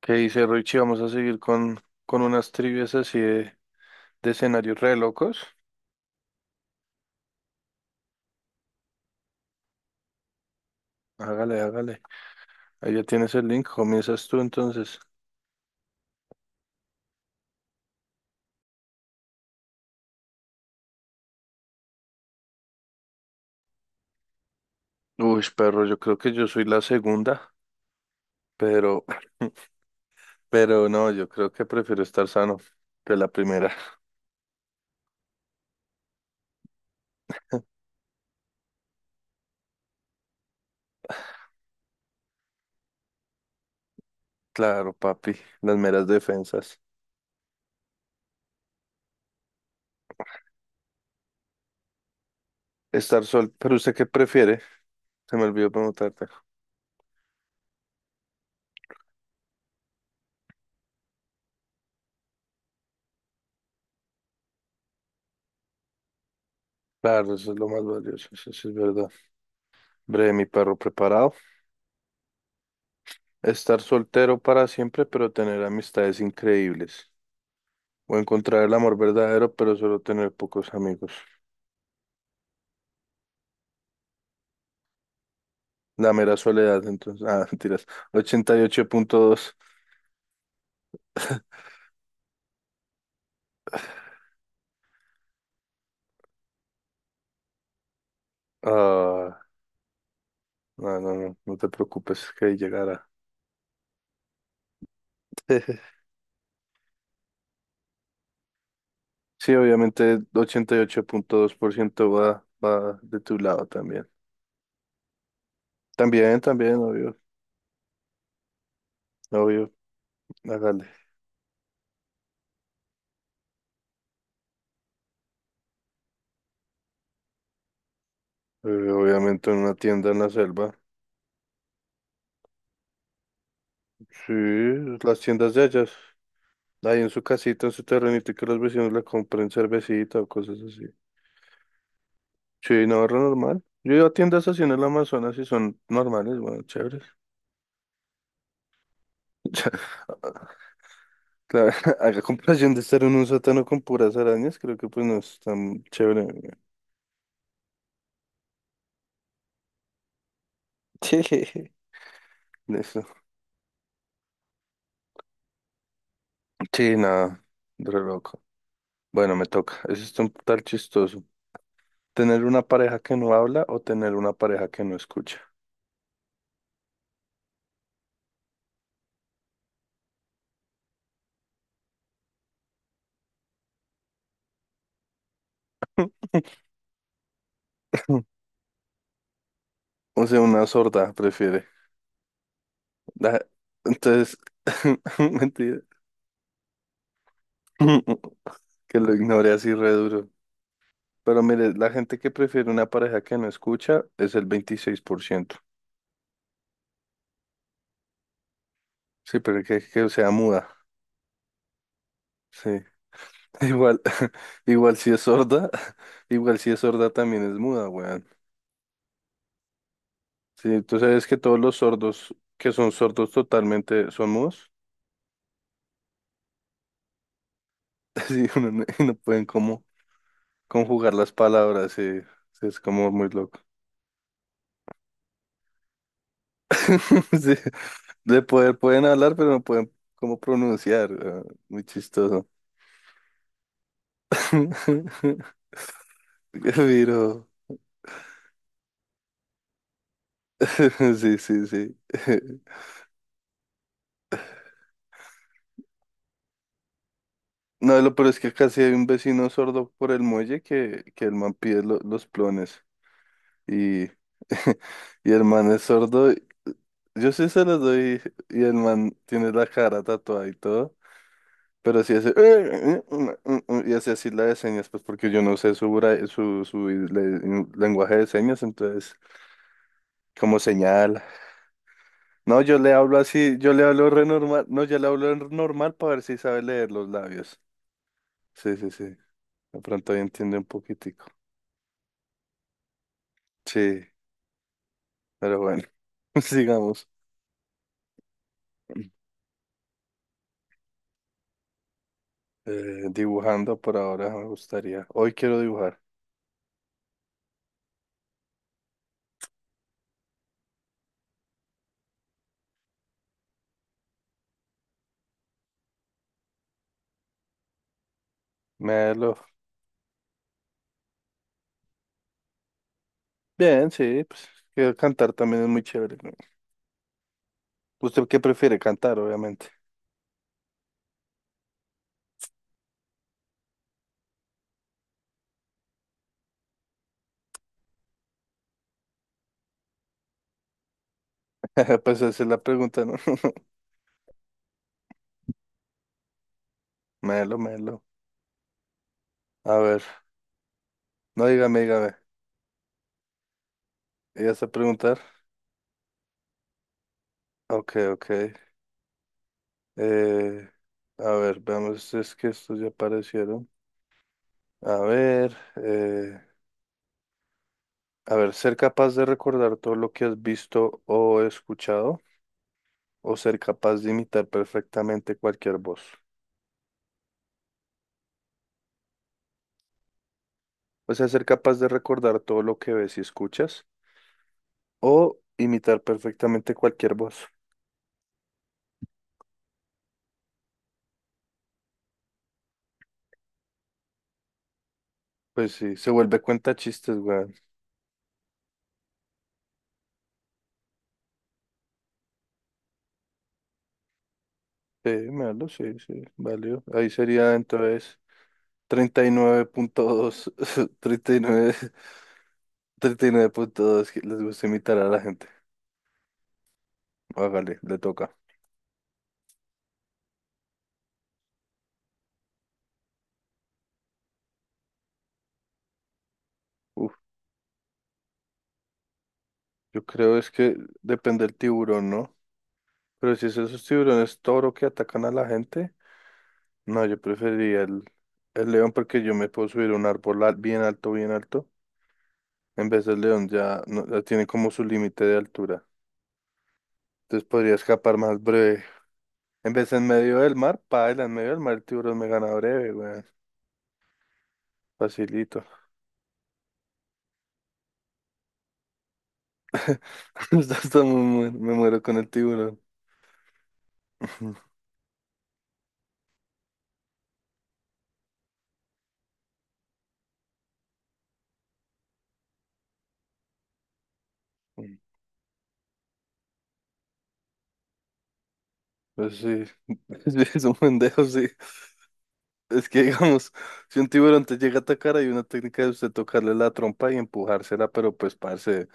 ¿Qué dice Richie? Vamos a seguir con unas trivias así de escenarios re locos. Hágale, hágale. Ahí ya tienes el link. Comienzas tú entonces. Uy, perro, yo creo que yo soy la segunda, pero, pero no, yo creo que prefiero estar sano que la primera. Claro, papi, las meras defensas. Estar sol, pero ¿usted qué prefiere? Se me olvidó preguntarte. Claro, eso es lo más valioso, eso sí es verdad. Breve, mi perro preparado. Estar soltero para siempre, pero tener amistades increíbles. O encontrar el amor verdadero, pero solo tener pocos amigos. La mera soledad, entonces. Ah, mentiras. 88.2. Ah, no, no, no, no te preocupes, que ahí llegará. Sí, obviamente 88.2% va de tu lado también. También, también, obvio, obvio, hágale. Obviamente en una tienda en la selva. Sí, las tiendas de ellas. Ahí en su casita, en su terrenito, y que los vecinos le compren cervecita o cosas así. Sí, no, re normal. Yo iba a tiendas así en el Amazonas y son normales, bueno, chéveres. Claro, a comparación de estar en un sótano con puras arañas, creo que pues no es tan chévere, güey. Sí. Listo. Sí, nada, re loco. Bueno, me toca. Eso es un tal chistoso. ¿Tener una pareja que no habla o tener una pareja que no escucha? O sea, una sorda prefiere. Da- Entonces, mentira. Que lo ignore así re duro. Pero mire, la gente que prefiere una pareja que no escucha es el 26%. Sí, pero que sea muda. Sí. Igual, igual si es sorda, igual si es sorda también es muda, weón. Sí, tú sabes que todos los sordos que son sordos totalmente son mudos. Sí, uno no, y no pueden como conjugar las palabras, sí. Sí, es como muy loco. Sí. De poder pueden hablar, pero no pueden como pronunciar, weón. Muy chistoso. Qué Viro. Sí, sí, sí. No, lo peor es que acá sí hay un vecino sordo por el muelle que el man pide los plones. Y, y el man es sordo. Yo sí se los doy y el man tiene la cara tatuada y todo. Pero sí hace... Y hace así la de señas, pues porque yo no sé su lenguaje de señas, entonces como señala. No, yo le hablo así, yo le hablo re normal. No, yo le hablo normal para ver si sabe leer los labios. Sí, sí, sí. De pronto ahí entiende un poquitico. Sí, pero bueno, sigamos. Dibujando por ahora me gustaría. Hoy quiero dibujar. Melo. Bien, sí, pues que cantar también es muy chévere, ¿no? ¿Usted qué prefiere cantar, obviamente? Pues esa es la pregunta, ¿no? Melo, melo. A ver, no dígame, dígame. ¿Ya está a preguntar? Ok, ok. Eh, a ver, veamos, es que estos ya aparecieron. A ver, eh, A ver, ser capaz de recordar todo lo que has visto o escuchado, o ser capaz de imitar perfectamente cualquier voz. O sea, ser capaz de recordar todo lo que ves y escuchas, o imitar perfectamente cualquier voz. Pues sí, se vuelve cuenta chistes, weón. Sí, malo, sí, sí, valió. Ahí sería entonces treinta y nueve, punto dos, treinta y nueve treinta y nueve punto dos, que les gusta imitar a la gente. Hágale, le toca. Uf, yo creo es que depende del tiburón, ¿no? Pero si es esos tiburones toro que atacan a la gente, no, yo preferiría el, león porque yo me puedo subir a un árbol bien alto, bien alto. En vez del león ya, ya tiene como su límite de altura. Entonces podría escapar más breve. En vez en medio del mar, paila, en medio del mar el tiburón me gana breve, weón. Facilito. Hasta me muero con el tiburón. Pues sí, sí, es un pendejo, sí. Es que, digamos, si un tiburón te llega a atacar, hay una técnica de usted tocarle la trompa y empujársela, pero pues, parce,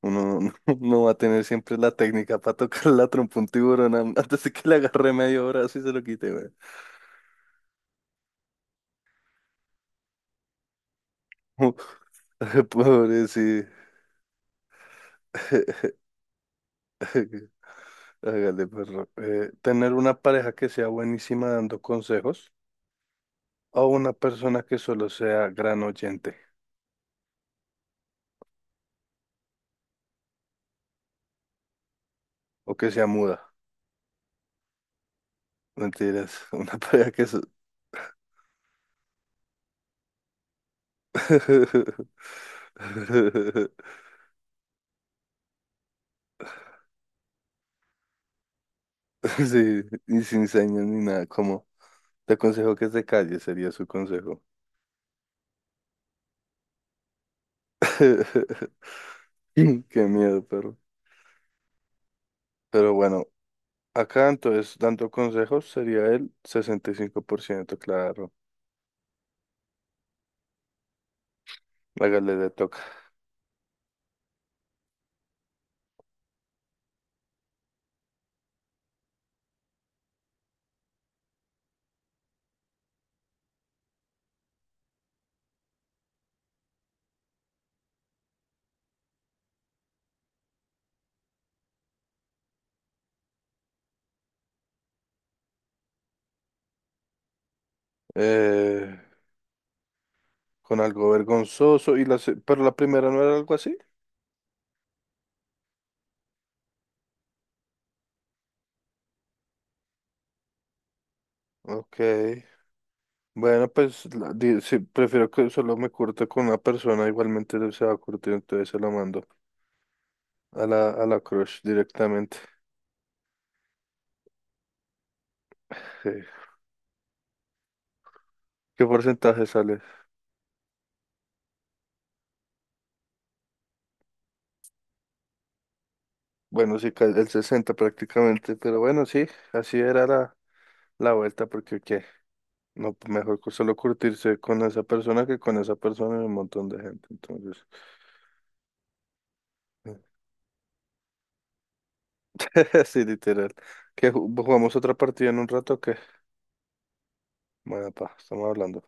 uno no, no va a tener siempre la técnica para tocar la trompa a un tiburón an- antes de que le agarre medio brazo y se lo quite, güey. Pobre, sí. Hágale, perro. Tener una pareja que sea buenísima dando consejos o una persona que solo sea gran oyente o que sea muda. Mentiras, una pareja que... Sí, y sin señas ni nada, como te aconsejo que se calle, sería su consejo. Qué miedo, perro. Pero bueno, acá entonces, dando consejos, sería el 65%, claro. Hágale, le toca. Eh, con algo vergonzoso, y pero la primera no era algo así. Ok. Bueno, pues sí, prefiero que solo me curte con una persona, igualmente se va a curtir, entonces se lo mando a la crush directamente. Sí. ¿Qué porcentaje sale? Bueno, sí, el 60 prácticamente, pero bueno, sí, así era la vuelta, porque qué, no, pues, mejor solo curtirse con esa persona que con esa persona y un montón de gente, entonces, sí, literal. Que jugamos otra partida en un rato, o qué bueno, pa, estamos hablando.